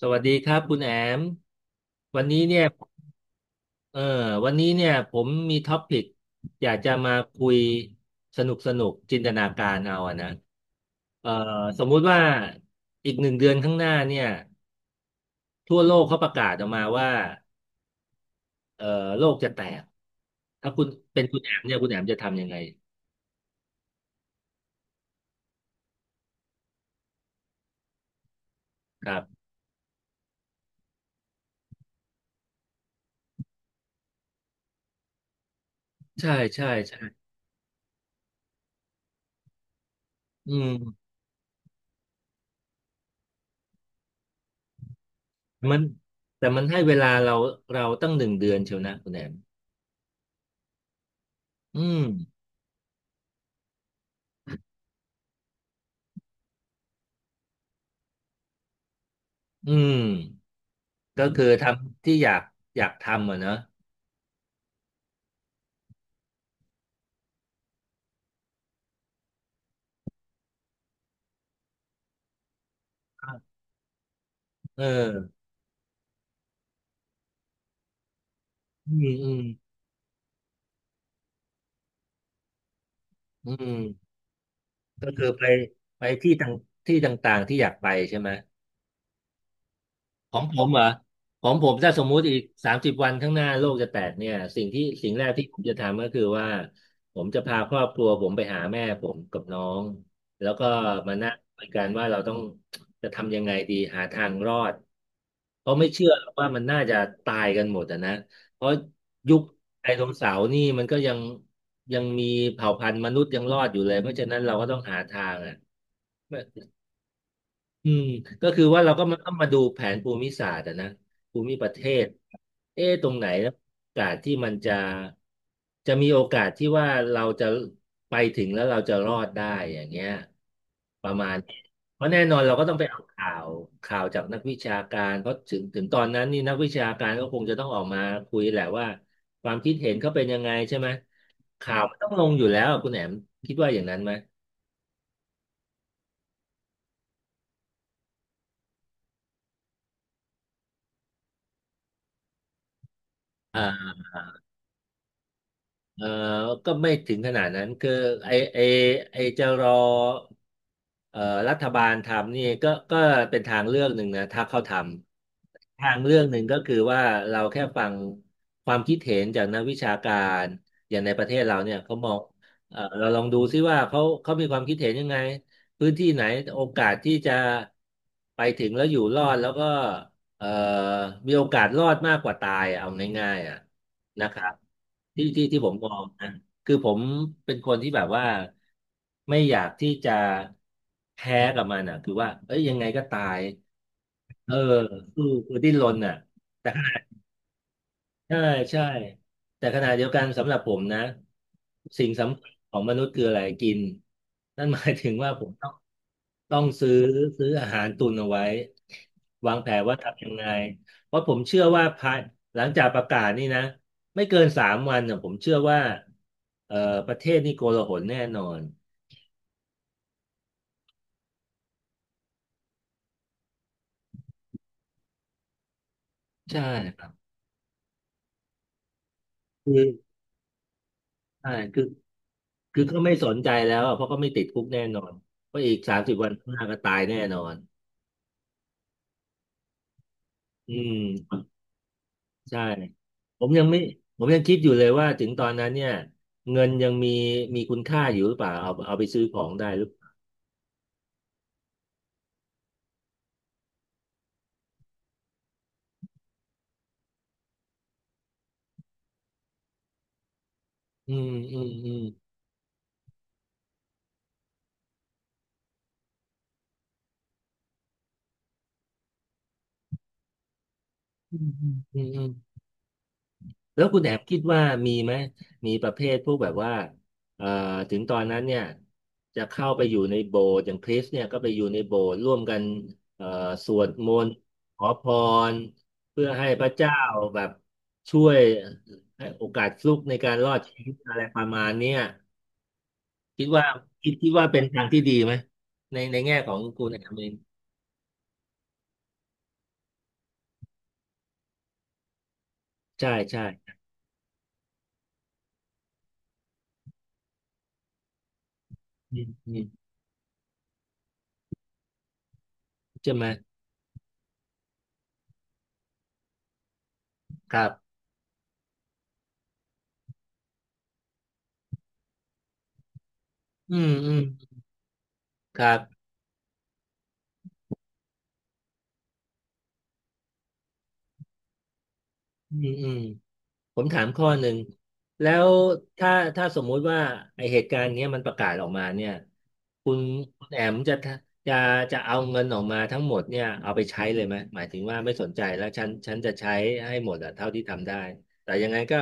สวัสดีครับคุณแอมวันนี้เนี่ยเออผมมีท็อปิกอยากจะมาคุยสนุกสนุกจินตนาการเอาอะนะเออสมมุติว่าอีกหนึ่งเดือนข้างหน้าเนี่ยทั่วโลกเขาประกาศออกมาว่าเออโลกจะแตกถ้าคุณเป็นคุณแอมเนี่ยคุณแอมจะทำยังไงครับใช่ใช่ใช่อืมมันแต่มันให้เวลาเราตั้งหนึ่งเดือนเชียวนะคุณแอมอืมอืม ก็คือทำที่อยากอยากทำอ่ะเนอะเอออืมอืมอืมก็คือไปที่ต่างๆที่อยากไปใช่ไหม ของผมเหรอของผมถ้าสมมุติอีกสามสิบวันข้างหน้าโลกจะแตกเนี่ยสิ่งแรกที่ผมจะทำก็คือว่าผมจะพาครอบครัวผมไปหาแม่ผมกับน้องแล้วก็มานั่งคุยกันว่าเราต้องจะทำยังไงดีหาทางรอดเพราะไม่เชื่อหรอกว่ามันน่าจะตายกันหมดอะนะเพราะยุคไดโนเสาร์นี่มันก็ยังมีเผ่าพันธุ์มนุษย์ยังรอดอยู่เลยเพราะฉะนั้นเราก็ต้องหาทางอ่ะ อืมก็คือว่าเราก็มาต้องมาดูแผนภูมิศาสตร์อะนะภูมิประเทศเอ๊ะตรงไหนแล้วโอกาสที่มันจะจะมีโอกาสที่ว่าเราจะไปถึงแล้วเราจะรอดได้อย่างเงี้ยประมาณนี้เพราะแน่นอนเราก็ต้องไปเอาข่าวจากนักวิชาการเพราะถึงตอนนั้นนี่นักวิชาการก็คงจะต้องออกมาคุยแหละว่าความคิดเห็นเขาเป็นยังไงใช่ไหมข่าวมันต้องลงอยู่แล้วอะคุณแหนมคิดว่าอย่างนั้นไหมเออ เออก็ไม่ถึงขนาดนั้นคือไอไอไอจะรอเอ่อรัฐบาลทำนี่ก็เป็นทางเลือกหนึ่งนะถ้าเขาทำทางเลือกหนึ่งก็คือว่าเราแค่ฟังความคิดเห็นจากนักวิชาการอย่างในประเทศเราเนี่ยเขามองเราลองดูซิว่าเขามีความคิดเห็นยังไงพื้นที่ไหนโอกาสที่จะไปถึงแล้วอยู่รอดแล้วก็เอ่อมีโอกาสรอดมากกว่าตายอะเอาง่ายๆอ่ะ นะครับที่ผมมองนะคือผมเป็นคนที่แบบว่าไม่อยากที่จะแพ้กับมันอ่ะคือว่าเอ้ยยังไงก็ตายเออสู้คือดิ้นรนอ่ะ ใช่ใช่แต่ขณะเดียวกันสำหรับผมนะสิ่งสำคัญของมนุษย์คืออะไรกินนั่นหมายถึงว่าผมต้องต้องซื้ออาหารตุนเอาไว้วางแผนว่าทำยังไงเพราะผมเชื่อว่าภายหลังจากประกาศนี่นะไม่เกินสามวันน่ะผมเชื่อว่าเอ่อประเทศนี่โกลาหลแน่นอนใช่ครับคือใช่คือเขาไม่สนใจแล้วอะเพราะเขาไม่ติดคุกแน่นอนเพราะอีกสามสิบวันข้างหน้าก็ตายแน่นอนอืม ใช่ผมยังไม่ผมยังคิดอยู่เลยว่าถึงตอนนั้นเนี่ยเงินยังมีคุณค่าอยู่หรือเปล่าเอาไปซื้อของได้หรือเปล่าอืมอืมอืมอืมอืมอืมอืมแล้วคุณแอบคิดว่ามีไหมมีประเภทพวกแบบว่าเอ่อถึงตอนนั้นเนี่ยจะเข้าไปอยู่ในโบสถ์อย่างคริสเนี่ยก็ไปอยู่ในโบสถ์ร่วมกันเอ่อสวดมนต์ขอพรเพื่อให้พระเจ้าแบบช่วยให้โอกาสฟลุกในการรอดชีวิตอะไรประมาณเนี้ย คิดว่าคิดว่าเป็นทางที่ดีไหมในในแง่ของคุณแอมเองใช่ใช่อืมอืมใช่ไหมครับอืมอืมครับอืมอืมผมถามข้อหนึ่งแล้วถ้าถ้าสมมุติว่าไอเหตุการณ์เนี้ยมันประกาศออกมาเนี่ยคุณคุณแอมจะจะเอาเงินออกมาทั้งหมดเนี่ยเอาไปใช้เลยไหมหมายถึงว่าไม่สนใจแล้วฉันจะใช้ให้หมดอะเท่าที่ทำได้แต่ยังไงก็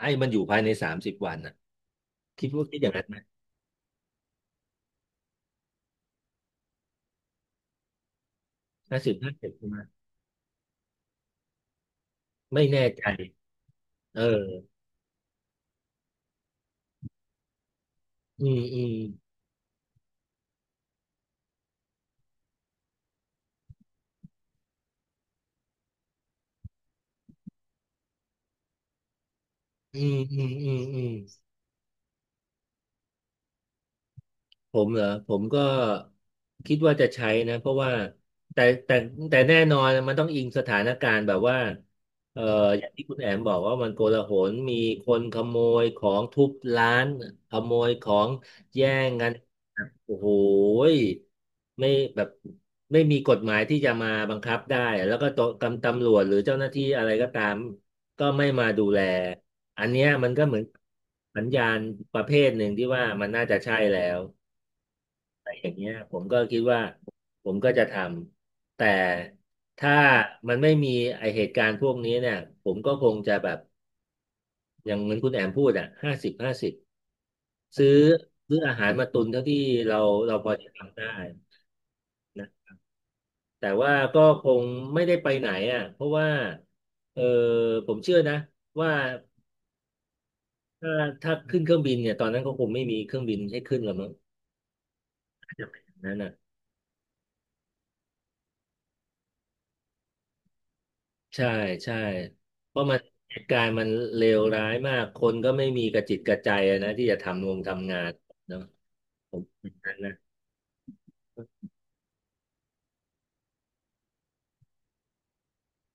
ให้มันอยู่ภายในสามสิบวันอะคิดว่าคิดอย่างนั้นไหมห้าสิบห้าสิบ ไม่แน่ใจเอออืมอืมอืมอืมอืมอืม ผมเหรอผมก็คิดว่าจะใช้นะเพราะว่าแต่แต่แต่แน่นอนมันต้องอิงสถานการณ์แบบว่าเอ่ออย่างที่คุณแอมบอกว่ามันโกลาหลมีคนขโมยของทุบร้านขโมยของแย่งกันโอ้โหยไม่แบบไม่มีกฎหมายที่จะมาบังคับได้แล้วก็ตำรวจหรือเจ้าหน้าที่อะไรก็ตามก็ไม่มาดูแลอันเนี้ยมันก็เหมือนสัญญาณประเภทหนึ่งที่ว่ามันน่าจะใช่แล้ว อย่างเงี้ยผมก็คิดว่าผมก็จะทำแต่ถ้ามันไม่มีไอเหตุการณ์พวกนี้เนี่ยผมก็คงจะแบบอย่างเหมือนคุณแอมพูดอ่ะ50/50ซื้ออาหารมาตุนเท่าที่เราพอจะทำได้นะแต่ว่าก็คงไม่ได้ไปไหนอ่ะเพราะว่าเออผมเชื่อนะว่าถ้าถ้าขึ้นเครื่องบินเนี่ยตอนนั้นก็คงไม่มีเครื่องบินให้ขึ้นแล้วมั้งอาจจะเป็นอย่างนั้นนะ ใช่ใช่เพราะมันเหตุการณ์มันเลวร้ายมากคนก็ไม่มีกระจิตกระใจอะนะที่จะงทำงานเนาะผมคิดอย่างนั้นนะ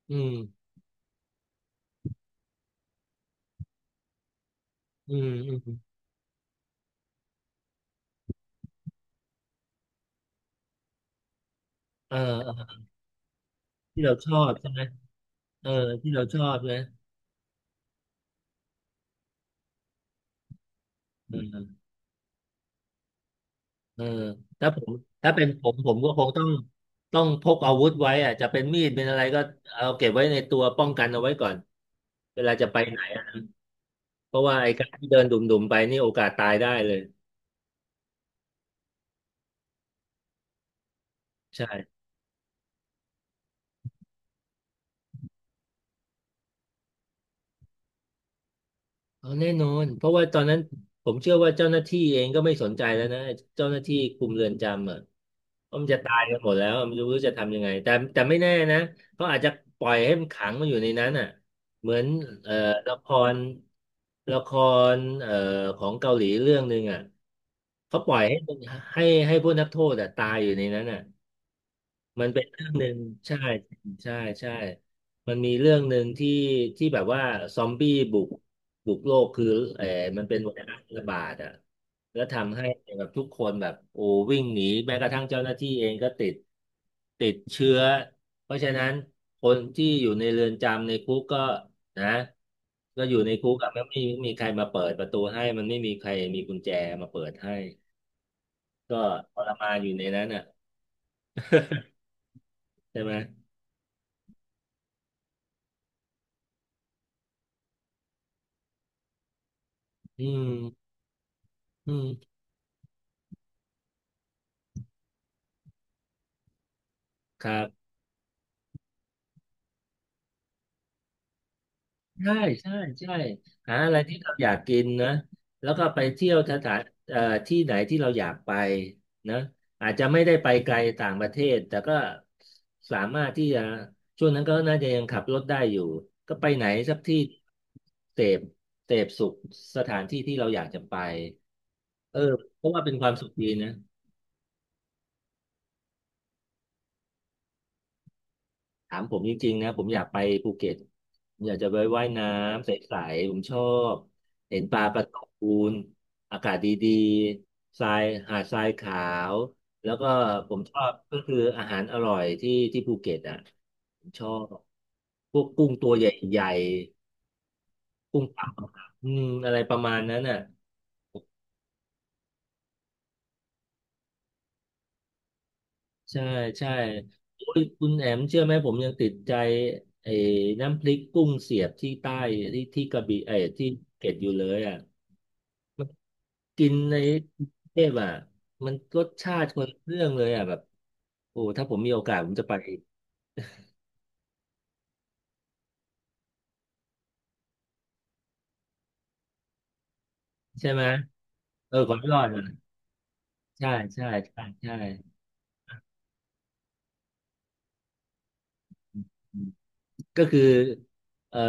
อืมอืมอืมเออเออที่เราชอบใช่ไหมเออที่เราชอบนะเออเออถ้าผมถ้าเป็นผมก็คงต้องพกอาวุธไว้อะจะเป็นมีดเป็นอะไรก็เอาเก็บไว้ในตัวป้องกันเอาไว้ก่อนเวลาจะไปไหนอะเพราะว่าไอ้การที่เดินดุ่มๆไปนี่โอกาสตายได้เลยใช่ เอาแน่นอนเพราะว่าตอนนั้นผมเชื่อว่าเจ้าหน้าที่เองก็ไม่สนใจแล้วนะเจ้าหน้าที่คุมเรือนจำอ่ะเพราะมันจะตายกันหมดแล้วไม่รู้จะทำยังไงแต่ไม่แน่นะเขาอาจจะปล่อยให้มันขังมันอยู่ในนั้นอ่ะเหมือนเอ่อละครละครเอ่อของเกาหลีเรื่องหนึ่งอ่ะเขาปล่อยให้มันให้พวกนักโทษอ่ะตายอยู่ในนั้นอ่ะ มันเป็นเรื่องหนึ่งใช่ใช่ใช่ มันมีเรื่องหนึ่งที่ที่แบบว่าซอมบี้บุกโลกคือเออมันเป็นไวรัสระบาดอ่ะแล้วทำให้แบบทุกคนแบบโอ้วิ่งหนีแม้กระทั่งเจ้าหน้าที่เองก็ติดเชื้อเพราะฉะนั้นคนที่อยู่ในเรือนจำในคุกก็นะก็อยู่ในคุกอะไม่มีใครมาเปิดประตูให้มันไม่มีใครมีกุญแจมาเปิดให้ก็ทรมานอยู่ในนั้นอ่ะใช่ไหมอืมอืม ครับใช่ใช่ใช่หาอะไรที่เราอยากกินนะแล้วก็ไปเที่ยวสถานเอ่อที่ไหนที่เราอยากไปนะอาจจะไม่ได้ไปไกลต่างประเทศแต่ก็สามารถที่จะช่วงนั้นก็น่าจะยังขับรถได้อยู่ก็ไปไหนสักที่เสพสุขสถานที่ที่เราอยากจะไปเออเพราะว่าเป็นความสุขดีนะ ถามผมจริงๆนะผมอยากไปภูเก็ตผมอยากจะไปว่ายน้ำใสๆผมชอบเห็นปลาการะตูนอากาศดีๆทรายหาดทรายขาวแล้วก็ผมชอบก็คืออาหารอร่อยที่ที่ภูเก็ตอ่ะผมชอบพวกกุ้งตัวใหญ่ๆกุ้งปังอืมอะไรประมาณนั้นอ่ะใช่ใช่โอ้ยคุณแอมเชื่อไหมผมยังติดใจไอ้น้ำพริกกุ้งเสียบที่ใต้ที่ที่กระบี่ไอ้ที่ภูเก็ตอยู่เลยอ่ะ มันกินในกรุงเทพอ่ะมันรสชาติมันเรื่องเลยอ่ะแบบโอ้ถ้าผมมีโอกาสผมจะไปอีกใช่ไหมเออขอไม่รอดอ่ะใช่ใช่ใช่ใช่อืมก็คือเอ่อ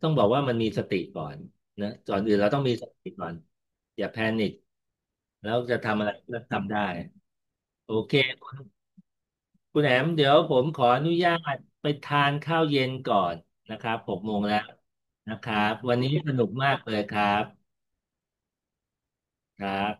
ต้องบอกว่ามันมีสติก่อนนะก่อนอื่นเราต้องมีสติก่อนอย่าแพนิคแล้วจะทำอะไรก็ทำได้โอเค คุณแอมเดี๋ยวผมขออนุญาตไปทานข้าวเย็นก่อนนะครับ6 โมงแล้วนะครับ วันนี้สนุกมากเลยครับครับ